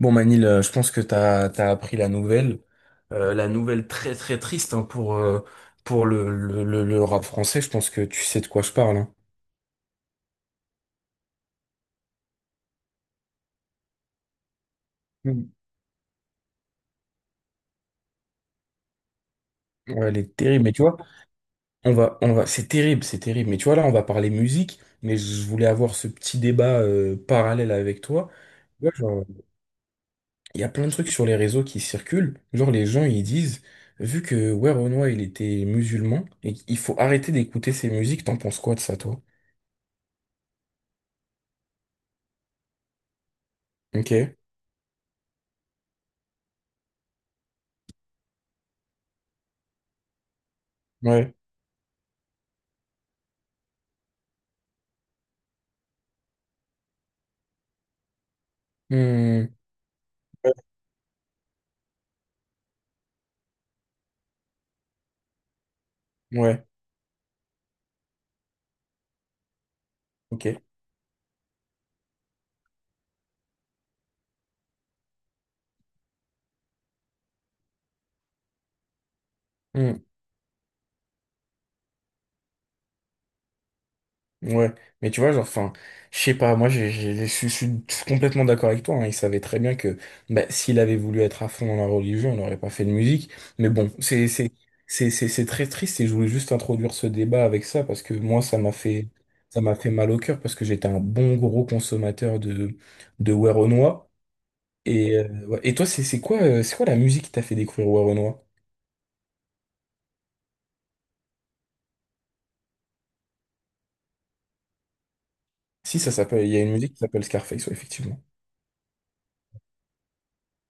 Bon Manil, je pense que t'as appris la nouvelle. La nouvelle très très triste hein, pour le rap français. Je pense que tu sais de quoi je parle, hein. Mm. Ouais, elle est terrible. Mais tu vois, on va, c'est terrible, c'est terrible. Mais tu vois là, on va parler musique. Mais je voulais avoir ce petit débat parallèle avec toi. Tu vois, genre, il y a plein de trucs sur les réseaux qui circulent. Genre les gens ils disent, vu que ouais Renoir il était musulman, et il faut arrêter d'écouter ses musiques. T'en penses quoi de ça, toi? Ok. Ouais. Hmm. Ouais, ok. Hmm. Ouais, mais tu vois, genre, enfin, je sais pas, moi, je suis complètement d'accord avec toi, hein. Il savait très bien que bah, s'il avait voulu être à fond dans la religion, on n'aurait pas fait de musique, mais bon, c'est c'est très triste et je voulais juste introduire ce débat avec ça parce que moi, ça m'a fait mal au cœur parce que j'étais un bon gros consommateur de Werenoi. Et, ouais. Et toi, c'est quoi, c'est quoi la musique qui t'a fait découvrir Werenoi? Si, ça s'appelle, il y a une musique qui s'appelle Scarface, ouais, effectivement.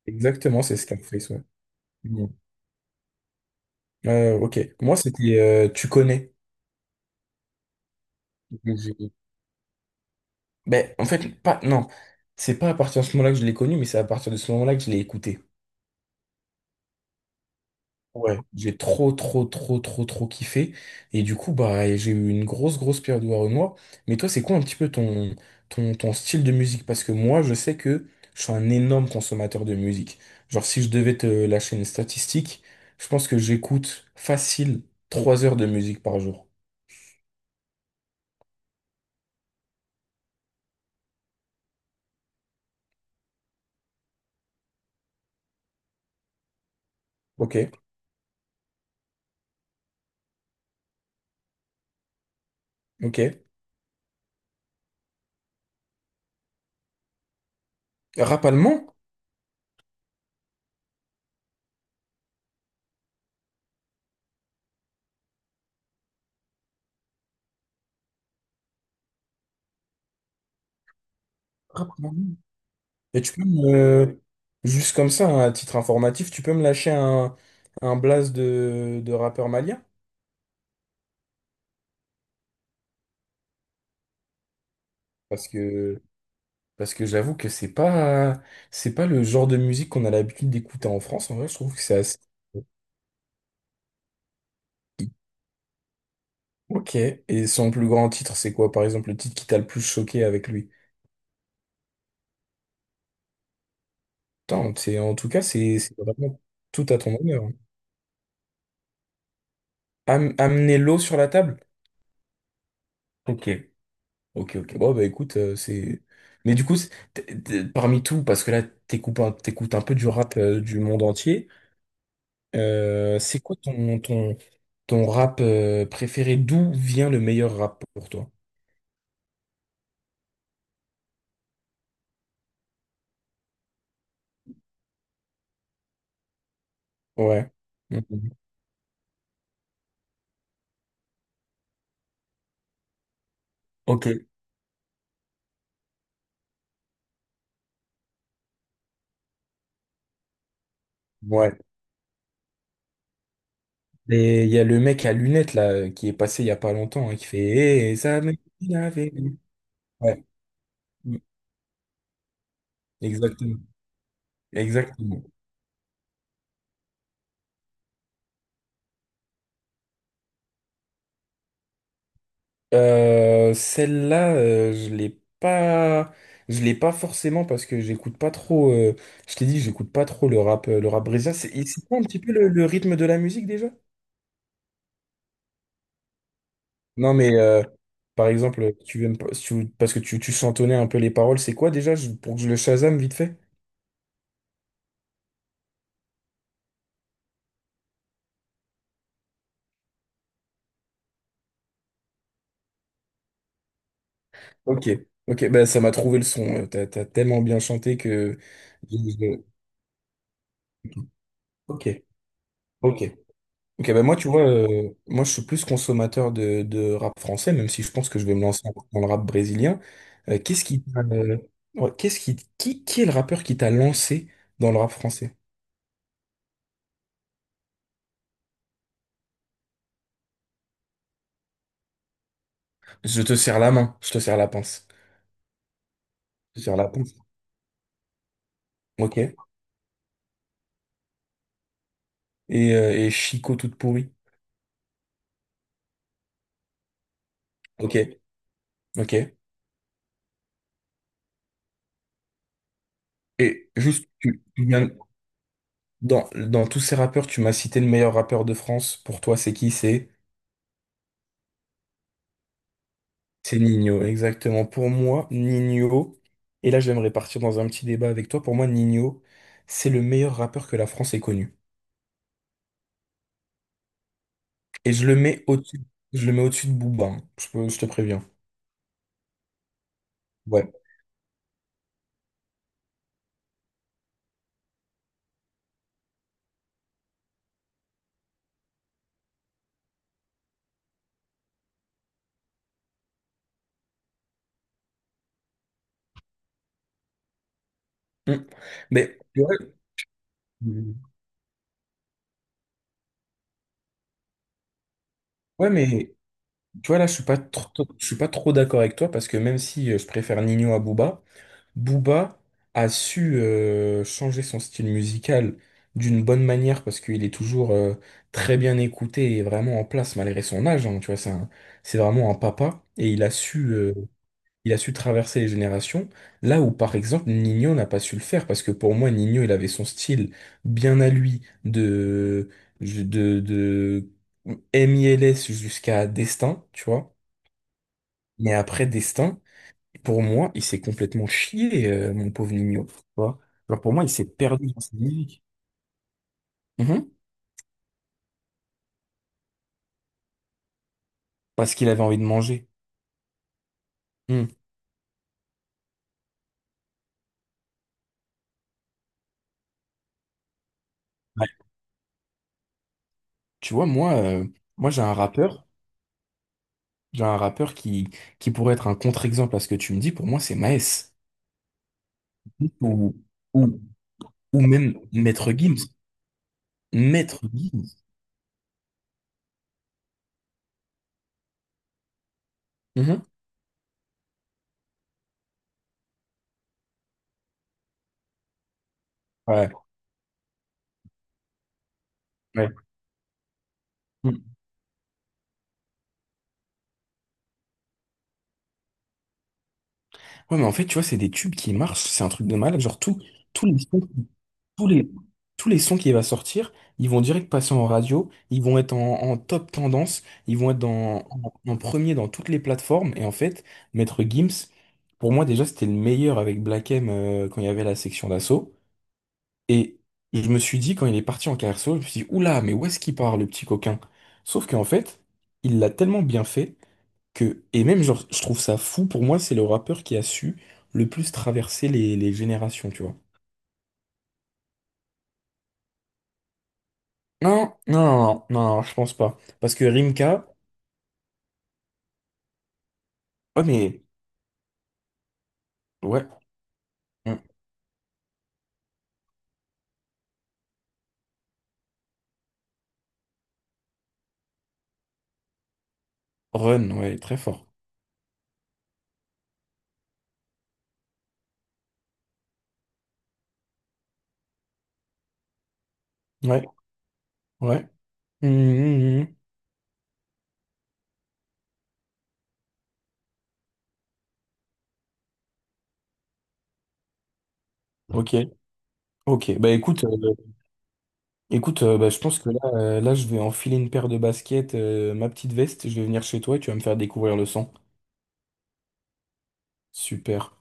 Exactement, c'est Scarface, ouais. Mmh. Ok. Moi, c'était Tu connais. Je- Ben, en fait, pas, non. C'est pas à partir de ce moment-là que je l'ai connu, mais c'est à partir de ce moment-là que je l'ai écouté. Ouais, j'ai trop, trop kiffé. Et du coup, bah, j'ai eu une grosse, grosse période de Renoir. Mais toi, c'est quoi un petit peu ton, ton, ton style de musique? Parce que moi, je sais que je suis un énorme consommateur de musique. Genre, si je devais te lâcher une statistique, je pense que j'écoute facile 3 heures de musique par jour. Ok, ok. Rap allemand? Rap allemand. Et tu peux me, juste comme ça, hein, à titre informatif, tu peux me lâcher un blast de rappeur malien? Parce que, parce que j'avoue que c'est pas le genre de musique qu'on a l'habitude d'écouter en France. En vrai, je trouve que c'est assez. Ok. Et son plus grand titre, c'est quoi, par exemple, le titre qui t'a le plus choqué avec lui? Attends, c'est, en tout cas, c'est vraiment tout à ton honneur, hein. Am- amener l'eau sur la table? Ok, ok, ok. Bon, bah écoute, c'est. Mais du coup, t'es- parmi tout, parce que là, t'écoutes un peu du rap du monde entier, c'est quoi ton, ton, ton rap préféré? D'où vient le meilleur rap pour toi? Ouais. Mhm. Ok. Ouais. Et il y a le mec à lunettes, là, qui est passé il y a pas longtemps, hein, qui fait Eh, il avait- Ouais. Mm. Exactement. Exactement. Celle-là, je l'ai pas forcément parce que j'écoute pas trop, je t'ai dit, j'écoute pas trop le rap brésilien. C'est et c'est quoi un petit peu le rythme de la musique déjà? Non, mais par exemple, tu aimes pas- si tu- parce que tu chantonnais un peu les paroles. C'est quoi déjà pour que je le Shazam vite fait? Ok, ok, bah ça m'a trouvé le son. T'as, t'as tellement bien chanté que. je- je- Ok, ok, ok. Ben moi, tu vois, moi, je suis plus consommateur de rap français, même si je pense que je vais me lancer dans le rap brésilien. Euh, qu'est-ce qui, t'a, euh, ouais, qu'est-ce qui est le rappeur qui t'a lancé dans le rap français? Je te serre la main, je te serre la pince. Je te serre la pince. Ok. Et Chico toute pourrie. Ok, ok. Et juste, dans, dans tous ces rappeurs, tu m'as cité le meilleur rappeur de France. Pour toi, c'est qui? C'est Nino, exactement. Pour moi, Nino, et là j'aimerais partir dans un petit débat avec toi. Pour moi, Nino, c'est le meilleur rappeur que la France ait connu. Et je le mets au-dessus, je le mets au-dessus de Booba, hein. Je te préviens. Ouais. Mm. Mais tu vois, mm, ouais, mais tu vois là, je suis pas trop d'accord avec toi parce que même si je préfère Nino à Booba, Booba a su changer son style musical d'une bonne manière parce qu'il est toujours très bien écouté et vraiment en place malgré son âge, hein. Tu vois, c'est vraiment un papa et il a il a su traverser les générations. Là où par exemple Nino n'a pas su le faire parce que pour moi Nino il avait son style bien à lui de de MILS jusqu'à Destin, tu vois. Mais après Destin. Et pour moi, il s'est complètement chié, mon pauvre Nino, tu vois. Alors pour moi, il s'est perdu dans sa musique. Mhm. Parce qu'il avait envie de manger. Mm. Ouais. Tu vois, moi, moi j'ai un rappeur qui pourrait être un contre-exemple à ce que tu me dis. Pour moi, c'est Maes. Ou, ou, ou même Maître Gims. Maître Gims. Mhm. Ouais, ouais. Mm. Ouais, mais en fait, tu vois, c'est des tubes qui marchent. C'est un truc de malade. Genre, tout, tous les sons, tous les, tous les sons qui va sortir, ils vont direct passer en radio, ils vont être en, en top tendance, ils vont être dans, en, en premier dans toutes les plateformes. Et en fait, Maître Gims, pour moi déjà, c'était le meilleur avec Black M quand il y avait la section d'assaut. Et je me suis dit, quand il est parti en carrière solo, je me suis dit, oula, mais où est-ce qu'il part, le petit coquin? Sauf qu'en fait, il l'a tellement bien fait que, et même genre, je trouve ça fou, pour moi, c'est le rappeur qui a su le plus traverser les générations, tu vois. Non, non, non, non, non, je pense pas. Parce que Rimka, oh mais, ouais, hmm, Run, ouais, très fort. Ouais, ouais. Hmm, hmm, hmm. Ok, ok. Bah écoute, bah, je pense que là, là, je vais enfiler une paire de baskets, ma petite veste, je vais venir chez toi et tu vas me faire découvrir le son. Super.